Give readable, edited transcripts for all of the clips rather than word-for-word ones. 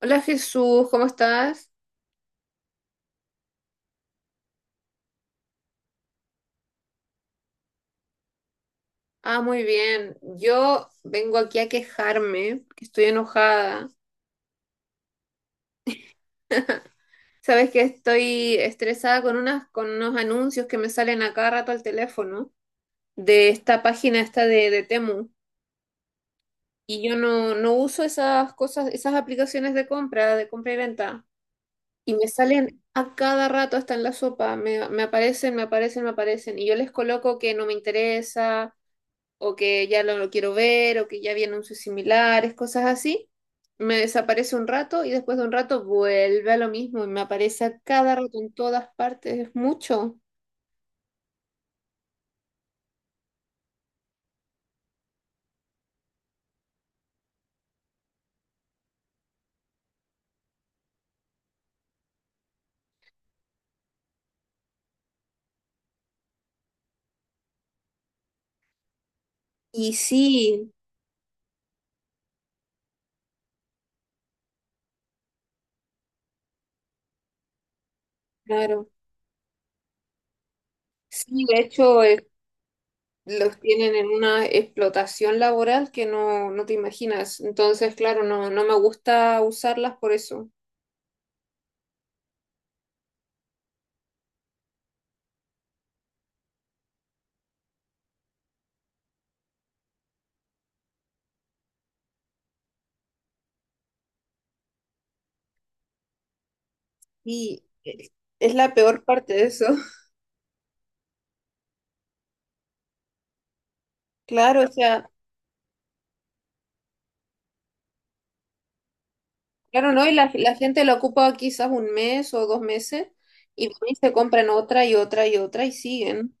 Hola Jesús, ¿cómo estás? Ah, muy bien. Yo vengo aquí a quejarme, que estoy enojada. Sabes que estoy estresada con unos anuncios que me salen a cada rato al teléfono de esta página de Temu. Y yo no uso esas cosas, esas aplicaciones de compra y venta. Y me salen a cada rato hasta en la sopa. Me aparecen, me aparecen, me aparecen. Y yo les coloco que no me interesa, o que ya no lo quiero ver, o que ya vi anuncios similares, cosas así. Me desaparece un rato y después de un rato vuelve a lo mismo y me aparece a cada rato en todas partes, es mucho. Y sí, claro. Sí, de hecho, los tienen en una explotación laboral que no te imaginas. Entonces, claro, no me gusta usarlas por eso. Y es la peor parte de eso. Claro, o sea, claro, ¿no? Y la gente la ocupa quizás un mes o dos meses, y van y se compran otra y otra y otra y siguen.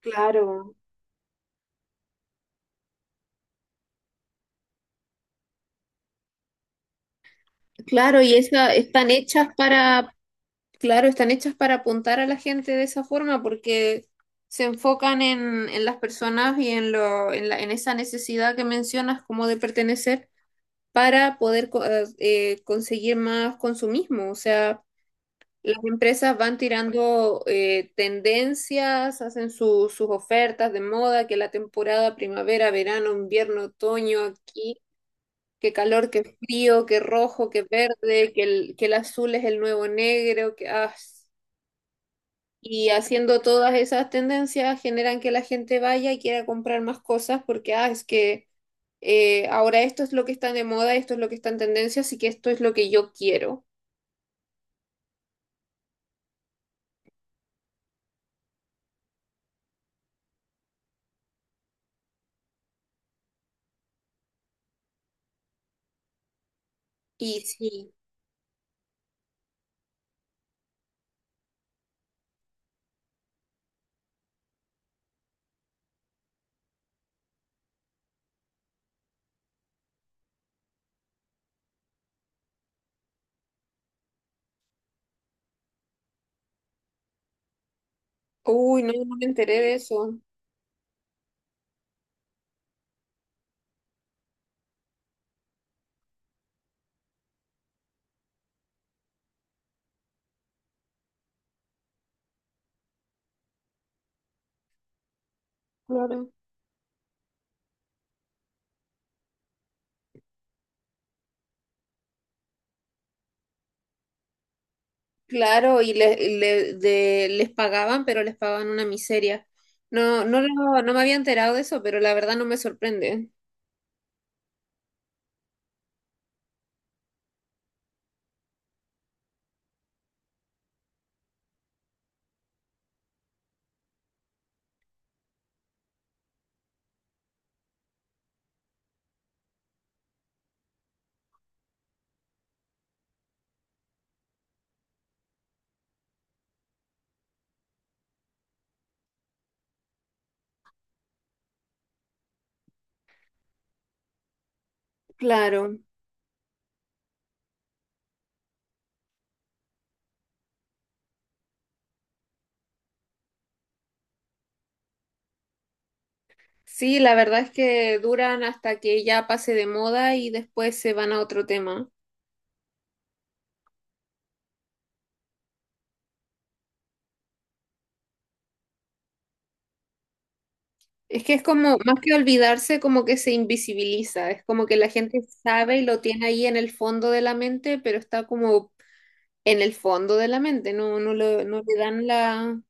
Claro. Claro, y esa, están hechas para, claro, están hechas para apuntar a la gente de esa forma, porque se enfocan en las personas y en en esa necesidad que mencionas como de pertenecer para poder conseguir más consumismo. O sea, las empresas van tirando tendencias, hacen sus ofertas de moda, que la temporada primavera, verano, invierno, otoño, aquí, que calor, que frío, que rojo, que verde, que el azul es el nuevo negro, que, ah, y haciendo todas esas tendencias generan que la gente vaya y quiera comprar más cosas porque ah, es que ahora esto es lo que está de moda, esto es lo que está en tendencia, así que esto es lo que yo quiero. Y sí, uy, no, no me enteré de eso. Claro. Claro, y les pagaban, pero les pagaban una miseria. No, no me había enterado de eso, pero la verdad no me sorprende. Claro. Sí, la verdad es que duran hasta que ya pase de moda y después se van a otro tema. Es que es como, más que olvidarse, como que se invisibiliza. Es como que la gente sabe y lo tiene ahí en el fondo de la mente, pero está como en el fondo de la mente. No, no le dan la...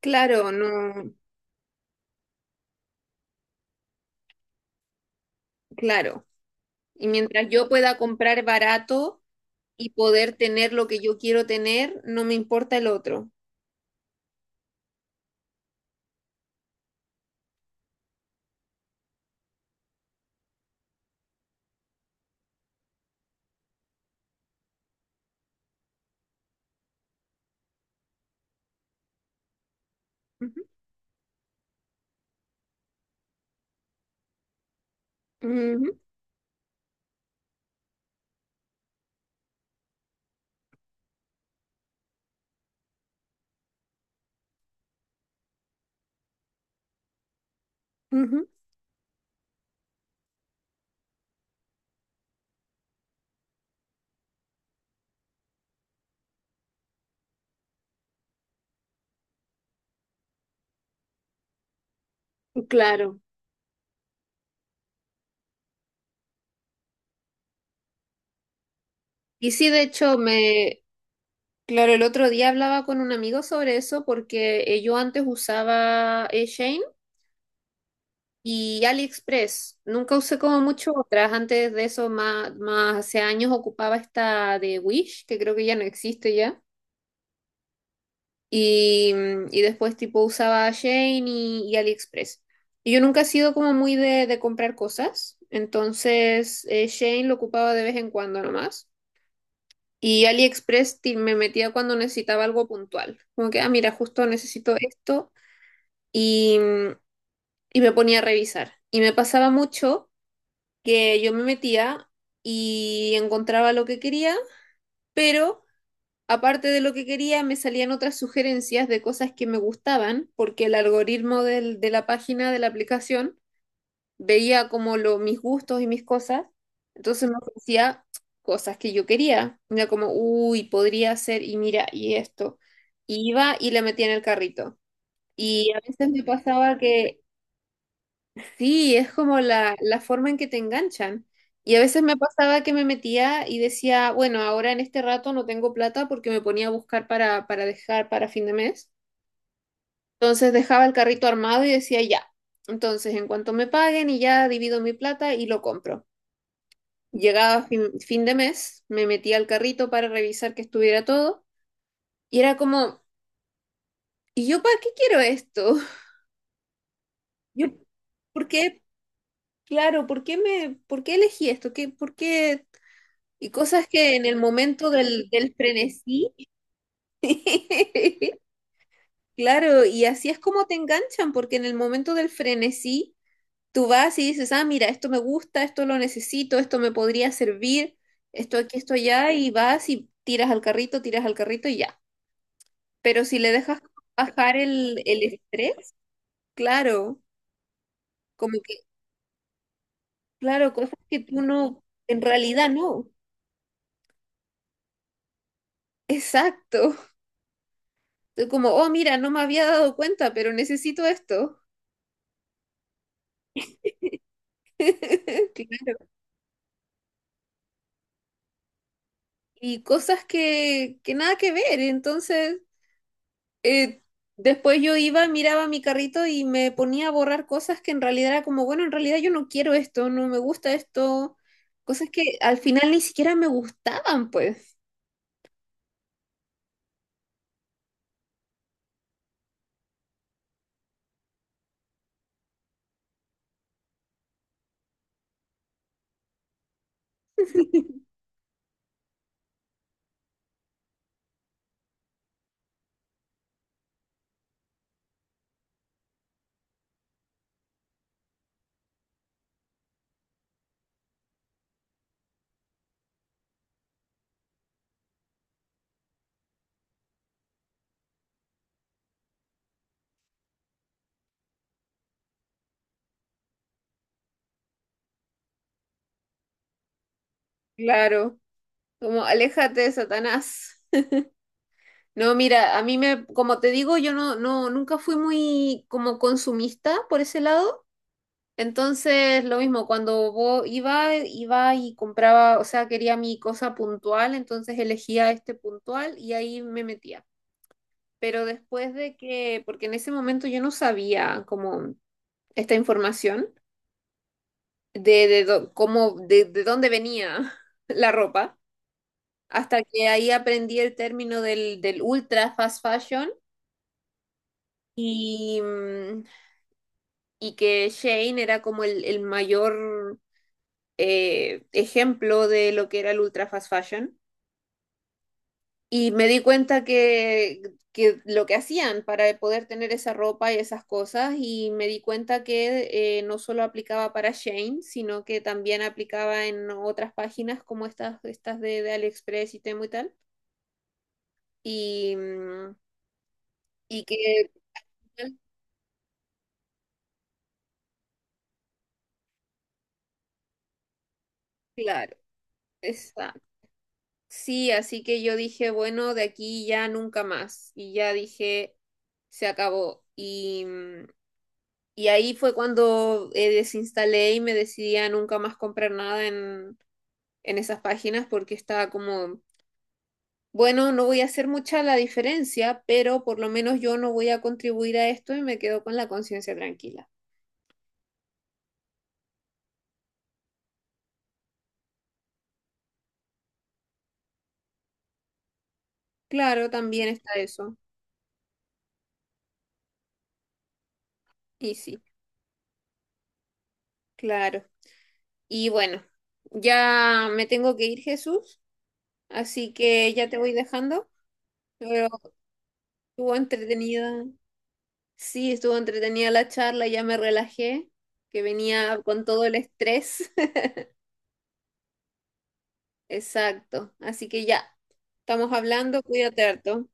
Claro, no, claro. Y mientras yo pueda comprar barato y poder tener lo que yo quiero tener, no me importa el otro. Ujú, ujú, ujú, claro. Y sí, de hecho, me... Claro, el otro día hablaba con un amigo sobre eso porque yo antes usaba Shein y AliExpress. Nunca usé como mucho otras. Antes de eso, más hace años ocupaba esta de Wish, que creo que ya no existe ya. Y, y después tipo usaba Shein y AliExpress. Y yo nunca he sido como muy de comprar cosas, entonces Shein lo ocupaba de vez en cuando nomás. Y AliExpress me metía cuando necesitaba algo puntual. Como que, ah, mira, justo necesito esto. Y, y me ponía a revisar. Y me pasaba mucho que yo me metía y encontraba lo que quería, pero aparte de lo que quería, me salían otras sugerencias de cosas que me gustaban, porque el algoritmo de la página de la aplicación veía como mis gustos y mis cosas, entonces me ofrecía cosas que yo quería. Era como, uy, podría ser, y mira, y esto. Y iba y le metía en el carrito. Y a veces me pasaba que sí, es como la forma en que te enganchan. Y a veces me pasaba que me metía y decía, bueno, ahora en este rato no tengo plata porque me ponía a buscar para dejar para fin de mes. Entonces dejaba el carrito armado y decía, ya. Entonces, en cuanto me paguen y ya divido mi plata y lo compro. Llegaba fin de mes, me metía al carrito para revisar que estuviera todo. Y era como, ¿y yo para qué quiero esto? Yo, ¿por qué? Claro, ¿por qué me, por qué elegí esto? ¿Qué, por qué? Y cosas que en el momento del frenesí, claro, y así es como te enganchan, porque en el momento del frenesí, tú vas y dices, ah, mira, esto me gusta, esto lo necesito, esto me podría servir, esto aquí, esto allá, y vas y tiras al carrito y ya. Pero si le dejas bajar el estrés, claro, como que, claro, cosas que tú no, en realidad no. Exacto. Tú como, oh, mira, no me había dado cuenta, pero necesito esto. Claro. Y cosas que nada que ver. Entonces, eh, después yo iba, miraba mi carrito y me ponía a borrar cosas que en realidad era como, bueno, en realidad yo no quiero esto, no me gusta esto. Cosas que al final ni siquiera me gustaban, pues. Claro, como aléjate, Satanás. No, mira, a mí me, como te digo, yo nunca fui muy como consumista por ese lado. Entonces, lo mismo, cuando iba y compraba, o sea, quería mi cosa puntual, entonces elegía este puntual y ahí me metía. Pero después de que, porque en ese momento yo no sabía como esta información de dó- cómo, de dónde venía la ropa, hasta que ahí aprendí el término del ultra fast fashion y, mm, y que Shane era como el mayor ejemplo de lo que era el ultra fast fashion, y me di cuenta que lo que hacían para poder tener esa ropa y esas cosas, y me di cuenta que no solo aplicaba para Shane, sino que también aplicaba en otras páginas como estas de AliExpress y Temu y tal. Y, mm, y que, claro, exacto. Sí, así que yo dije, bueno, de aquí ya nunca más. Y ya dije, se acabó. Y, mm, y ahí fue cuando desinstalé y me decidí a nunca más comprar nada en, en esas páginas porque estaba como, bueno, no voy a hacer mucha la diferencia, pero por lo menos yo no voy a contribuir a esto y me quedo con la conciencia tranquila. Claro, también está eso. Y sí, claro. Y bueno, ya me tengo que ir, Jesús, así que ya te voy dejando, pero estuvo entretenida. Sí, estuvo entretenida la charla, ya me relajé, que venía con todo el estrés. Exacto. Así que ya, estamos hablando, cuídate harto.